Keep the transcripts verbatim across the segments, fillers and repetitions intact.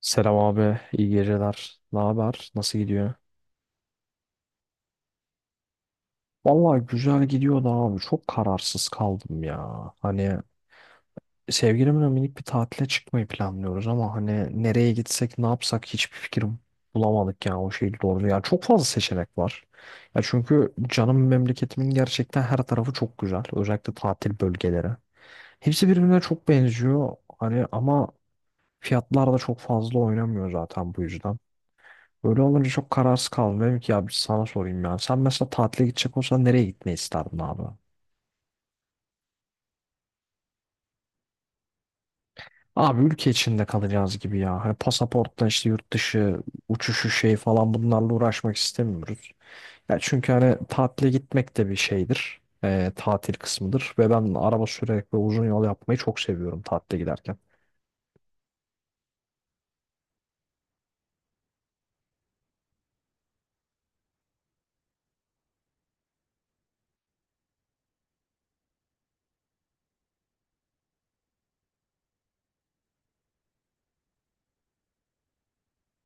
Selam abi, iyi geceler. Ne haber? Nasıl gidiyor? Vallahi güzel gidiyor da abi. Çok kararsız kaldım ya. Hani sevgilimle minik bir tatile çıkmayı planlıyoruz ama hani nereye gitsek, ne yapsak hiçbir fikrim bulamadık ya o şey doğru. Ya çok fazla seçenek var. Ya çünkü canım memleketimin gerçekten her tarafı çok güzel. Özellikle tatil bölgeleri. Hepsi birbirine çok benziyor. Hani ama fiyatlar da çok fazla oynamıyor zaten bu yüzden. Böyle olunca çok kararsız kaldım. Dedim ki ya bir sana sorayım ya. Sen mesela tatile gidecek olsan nereye gitmeyi isterdin abi? Abi ülke içinde kalacağız gibi ya. Hani pasaportla işte yurt dışı uçuşu şey falan bunlarla uğraşmak istemiyoruz. Ya çünkü hani tatile gitmek de bir şeydir. Ee, tatil kısmıdır. Ve ben araba sürerek ve uzun yol yapmayı çok seviyorum tatile giderken.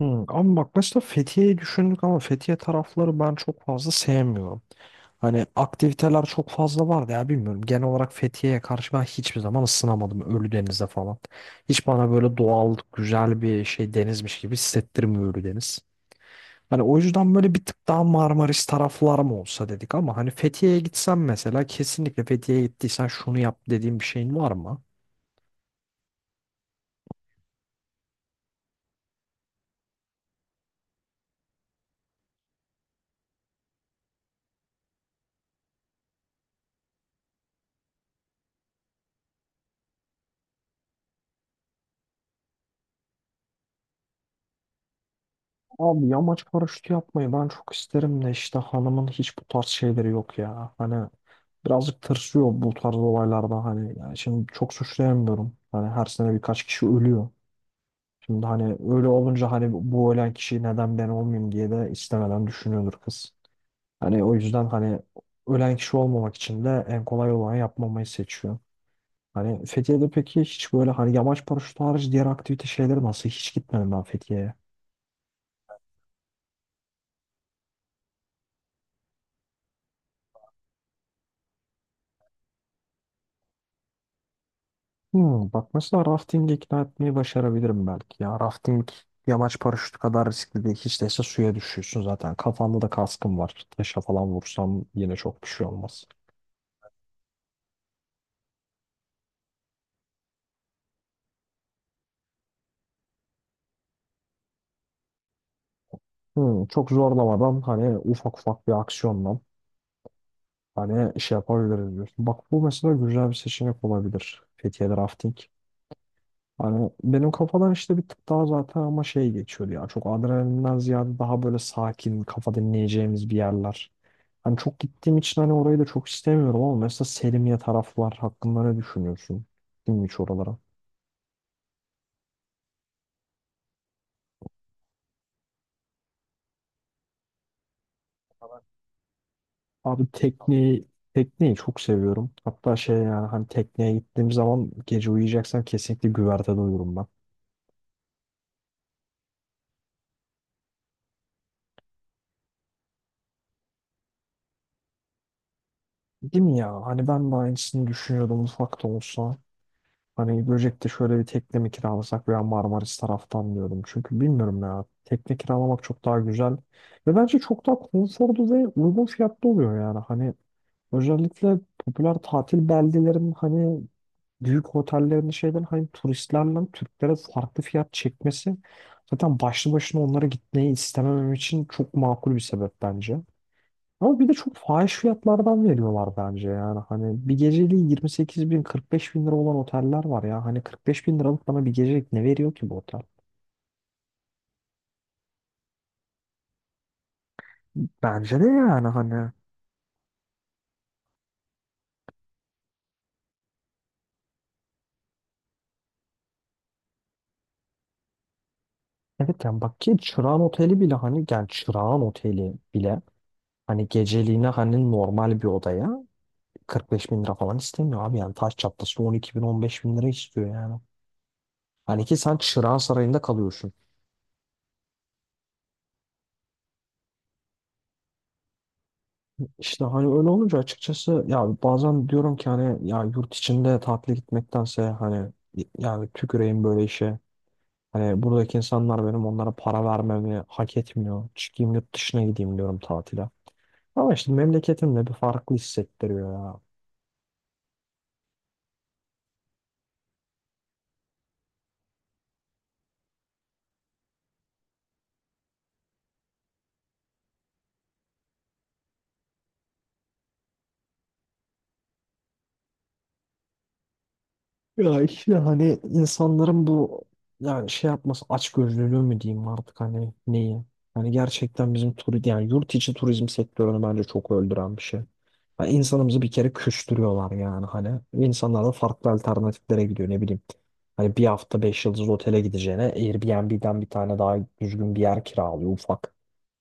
Hmm, ama bak mesela Fethiye'yi düşündük ama Fethiye tarafları ben çok fazla sevmiyorum. Hani aktiviteler çok fazla vardı ya bilmiyorum. Genel olarak Fethiye'ye karşı ben hiçbir zaman ısınamadım Ölüdeniz'de falan. Hiç bana böyle doğal güzel bir şey denizmiş gibi hissettirmiyor Ölüdeniz. Hani o yüzden böyle bir tık daha Marmaris taraflar mı olsa dedik ama hani Fethiye'ye gitsen mesela kesinlikle Fethiye'ye gittiysen şunu yap dediğim bir şeyin var mı? Abi yamaç paraşütü yapmayı ben çok isterim de işte hanımın hiç bu tarz şeyleri yok ya. Hani birazcık tırsıyor bu tarz olaylarda hani yani şimdi çok suçlayamıyorum. Hani her sene birkaç kişi ölüyor. Şimdi hani öyle olunca hani bu ölen kişi neden ben olmayayım diye de istemeden düşünüyordur kız. Hani o yüzden hani ölen kişi olmamak için de en kolay olanı yapmamayı seçiyor. Hani Fethiye'de peki hiç böyle hani yamaç paraşütü hariç diğer aktivite şeyleri nasıl? Hiç gitmedim ben Fethiye'ye. Hmm, bak mesela rafting'i ikna etmeyi başarabilirim belki ya. Rafting yamaç paraşütü kadar riskli değil. Hiç değilse suya düşüyorsun zaten. Kafanda da kaskın var. Taşa falan vursam yine çok bir şey olmaz. Hmm, çok zorlamadan hani ufak ufak bir aksiyonla hani şey yapabiliriz diyorsun. Bak bu mesela güzel bir seçenek olabilir. Fethiye'de rafting. Hani benim kafadan işte bir tık daha zaten ama şey geçiyordu ya. Çok adrenalinden ziyade daha böyle sakin, kafa dinleyeceğimiz bir yerler. Hani çok gittiğim için hani orayı da çok istemiyorum ama mesela Selimiye taraflar hakkında ne düşünüyorsun? Gittin mi hiç oralara? Abi tekneyi tekneyi çok seviyorum. Hatta şey yani hani tekneye gittiğim zaman gece uyuyacaksam kesinlikle güvertede uyurum ben. Değil mi ya? Hani ben de aynısını düşünüyordum ufak da olsa. Hani Göcek'te şöyle bir tekne mi kiralasak veya Marmaris taraftan diyordum. Çünkü bilmiyorum ya. Tekne kiralamak çok daha güzel. Ve bence çok daha konforlu ve uygun fiyatlı oluyor yani. Hani özellikle popüler tatil beldelerin hani büyük otellerin şeyden hani turistlerle Türklere farklı fiyat çekmesi zaten başlı başına onlara gitmeyi istememem için çok makul bir sebep bence. Ama bir de çok fahiş fiyatlardan veriyorlar bence yani. Hani bir geceliği yirmi sekiz bin kırk beş bin lira olan oteller var ya. Hani kırk beş bin liralık bana bir gecelik ne veriyor ki bu otel? Bence de yani hani. Evet yani bak ki Çırağan Oteli bile hani yani Çırağan Oteli bile hani geceliğine hani normal bir odaya kırk beş bin lira falan istemiyor abi yani taş çatlası on iki bin on beş bin lira istiyor yani. Hani ki sen Çırağan Sarayı'nda kalıyorsun. İşte hani öyle olunca açıkçası ya bazen diyorum ki hani ya yurt içinde tatile gitmektense hani yani tüküreyim böyle işe. Hani buradaki insanlar benim onlara para vermemi hak etmiyor. Çıkayım yurt dışına gideyim diyorum tatile. Ama işte memleketimle bir farklı hissettiriyor ya. Ya işte hani insanların bu yani şey yapması açgözlülüğü mü diyeyim artık hani neyi? Hani gerçekten bizim turizm yani yurt içi turizm sektörünü bence çok öldüren bir şey. Yani insanımızı bir kere küstürüyorlar yani hani. İnsanlar da farklı alternatiflere gidiyor ne bileyim. Hani bir hafta beş yıldız otele gideceğine Airbnb'den bir tane daha düzgün bir yer kiralıyor ufak.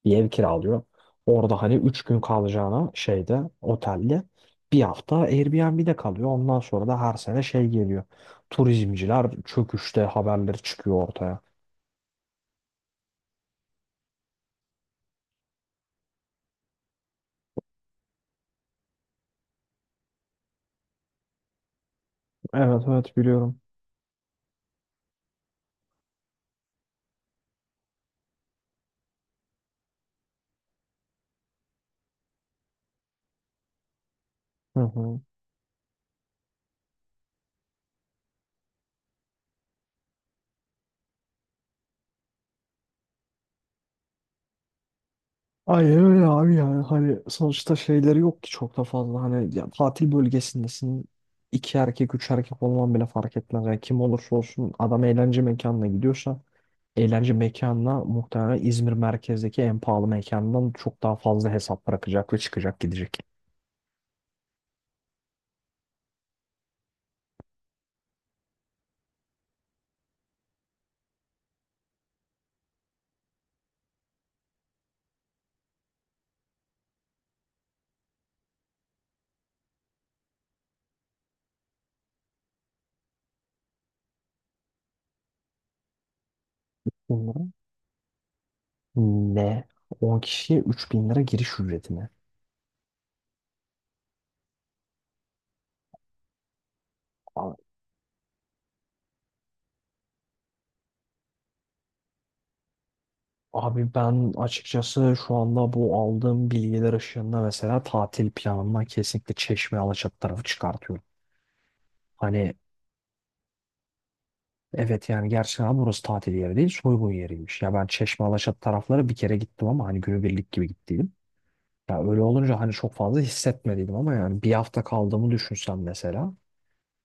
Bir ev kiralıyor. Orada hani üç gün kalacağına şeyde otelde bir hafta Airbnb'de kalıyor. Ondan sonra da her sene şey geliyor. Turizmciler çöküşte haberleri çıkıyor ortaya. Evet evet, biliyorum. Hı hı. Ay öyle abi yani hani sonuçta şeyleri yok ki çok da fazla hani ya tatil bölgesindesin, iki erkek üç erkek olman bile fark etmez yani kim olursa olsun adam eğlence mekanına gidiyorsa eğlence mekanına muhtemelen İzmir merkezdeki en pahalı mekandan çok daha fazla hesap bırakacak ve çıkacak gidecek. Bunların ne? On kişiye üç bin lira giriş ücretine. Abi ben açıkçası şu anda bu aldığım bilgiler ışığında mesela tatil planımdan kesinlikle Çeşme Alaçatı tarafı çıkartıyorum. Hani evet yani gerçekten burası tatil yeri değil, soygun yeriymiş. Ya ben Çeşme Alaçatı tarafları bir kere gittim ama hani günübirlik gibi gittiydim. Ya öyle olunca hani çok fazla hissetmediydim ama yani bir hafta kaldığımı düşünsem mesela.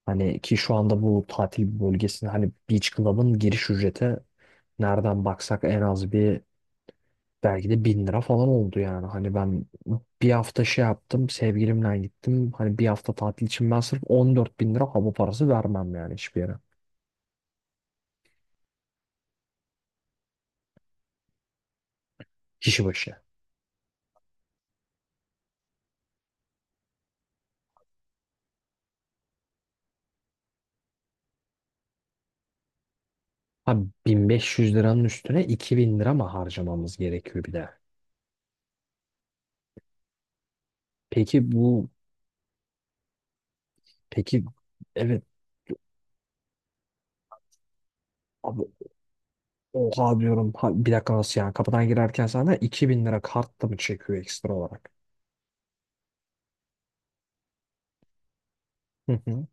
Hani ki şu anda bu tatil bölgesinde hani Beach Club'ın giriş ücreti nereden baksak en az bir belki de bin lira falan oldu yani. Hani ben bir hafta şey yaptım. Sevgilimle gittim. Hani bir hafta tatil için ben sırf on dört bin lira hava parası vermem yani hiçbir yere. Kişi başı. Ha, bin beş yüz liranın üstüne iki bin lira mı harcamamız gerekiyor bir de? Peki bu peki, evet abi, oha diyorum. Ha, bir dakika nasıl yani? Kapıdan girerken sana iki bin lira kartla mı çekiyor ekstra olarak? Hı hı.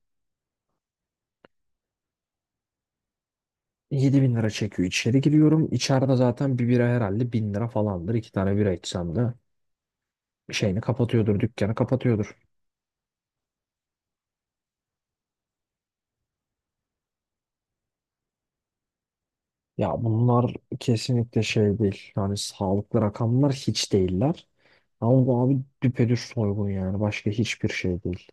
yedi bin lira çekiyor. İçeri giriyorum. İçeride zaten bir bira herhalde bin lira falandır. İki tane bira içsem de şeyini kapatıyordur, dükkanı kapatıyordur. Ya bunlar kesinlikle şey değil. Yani sağlıklı rakamlar hiç değiller. Ama bu abi düpedüz soygun yani. Başka hiçbir şey değil.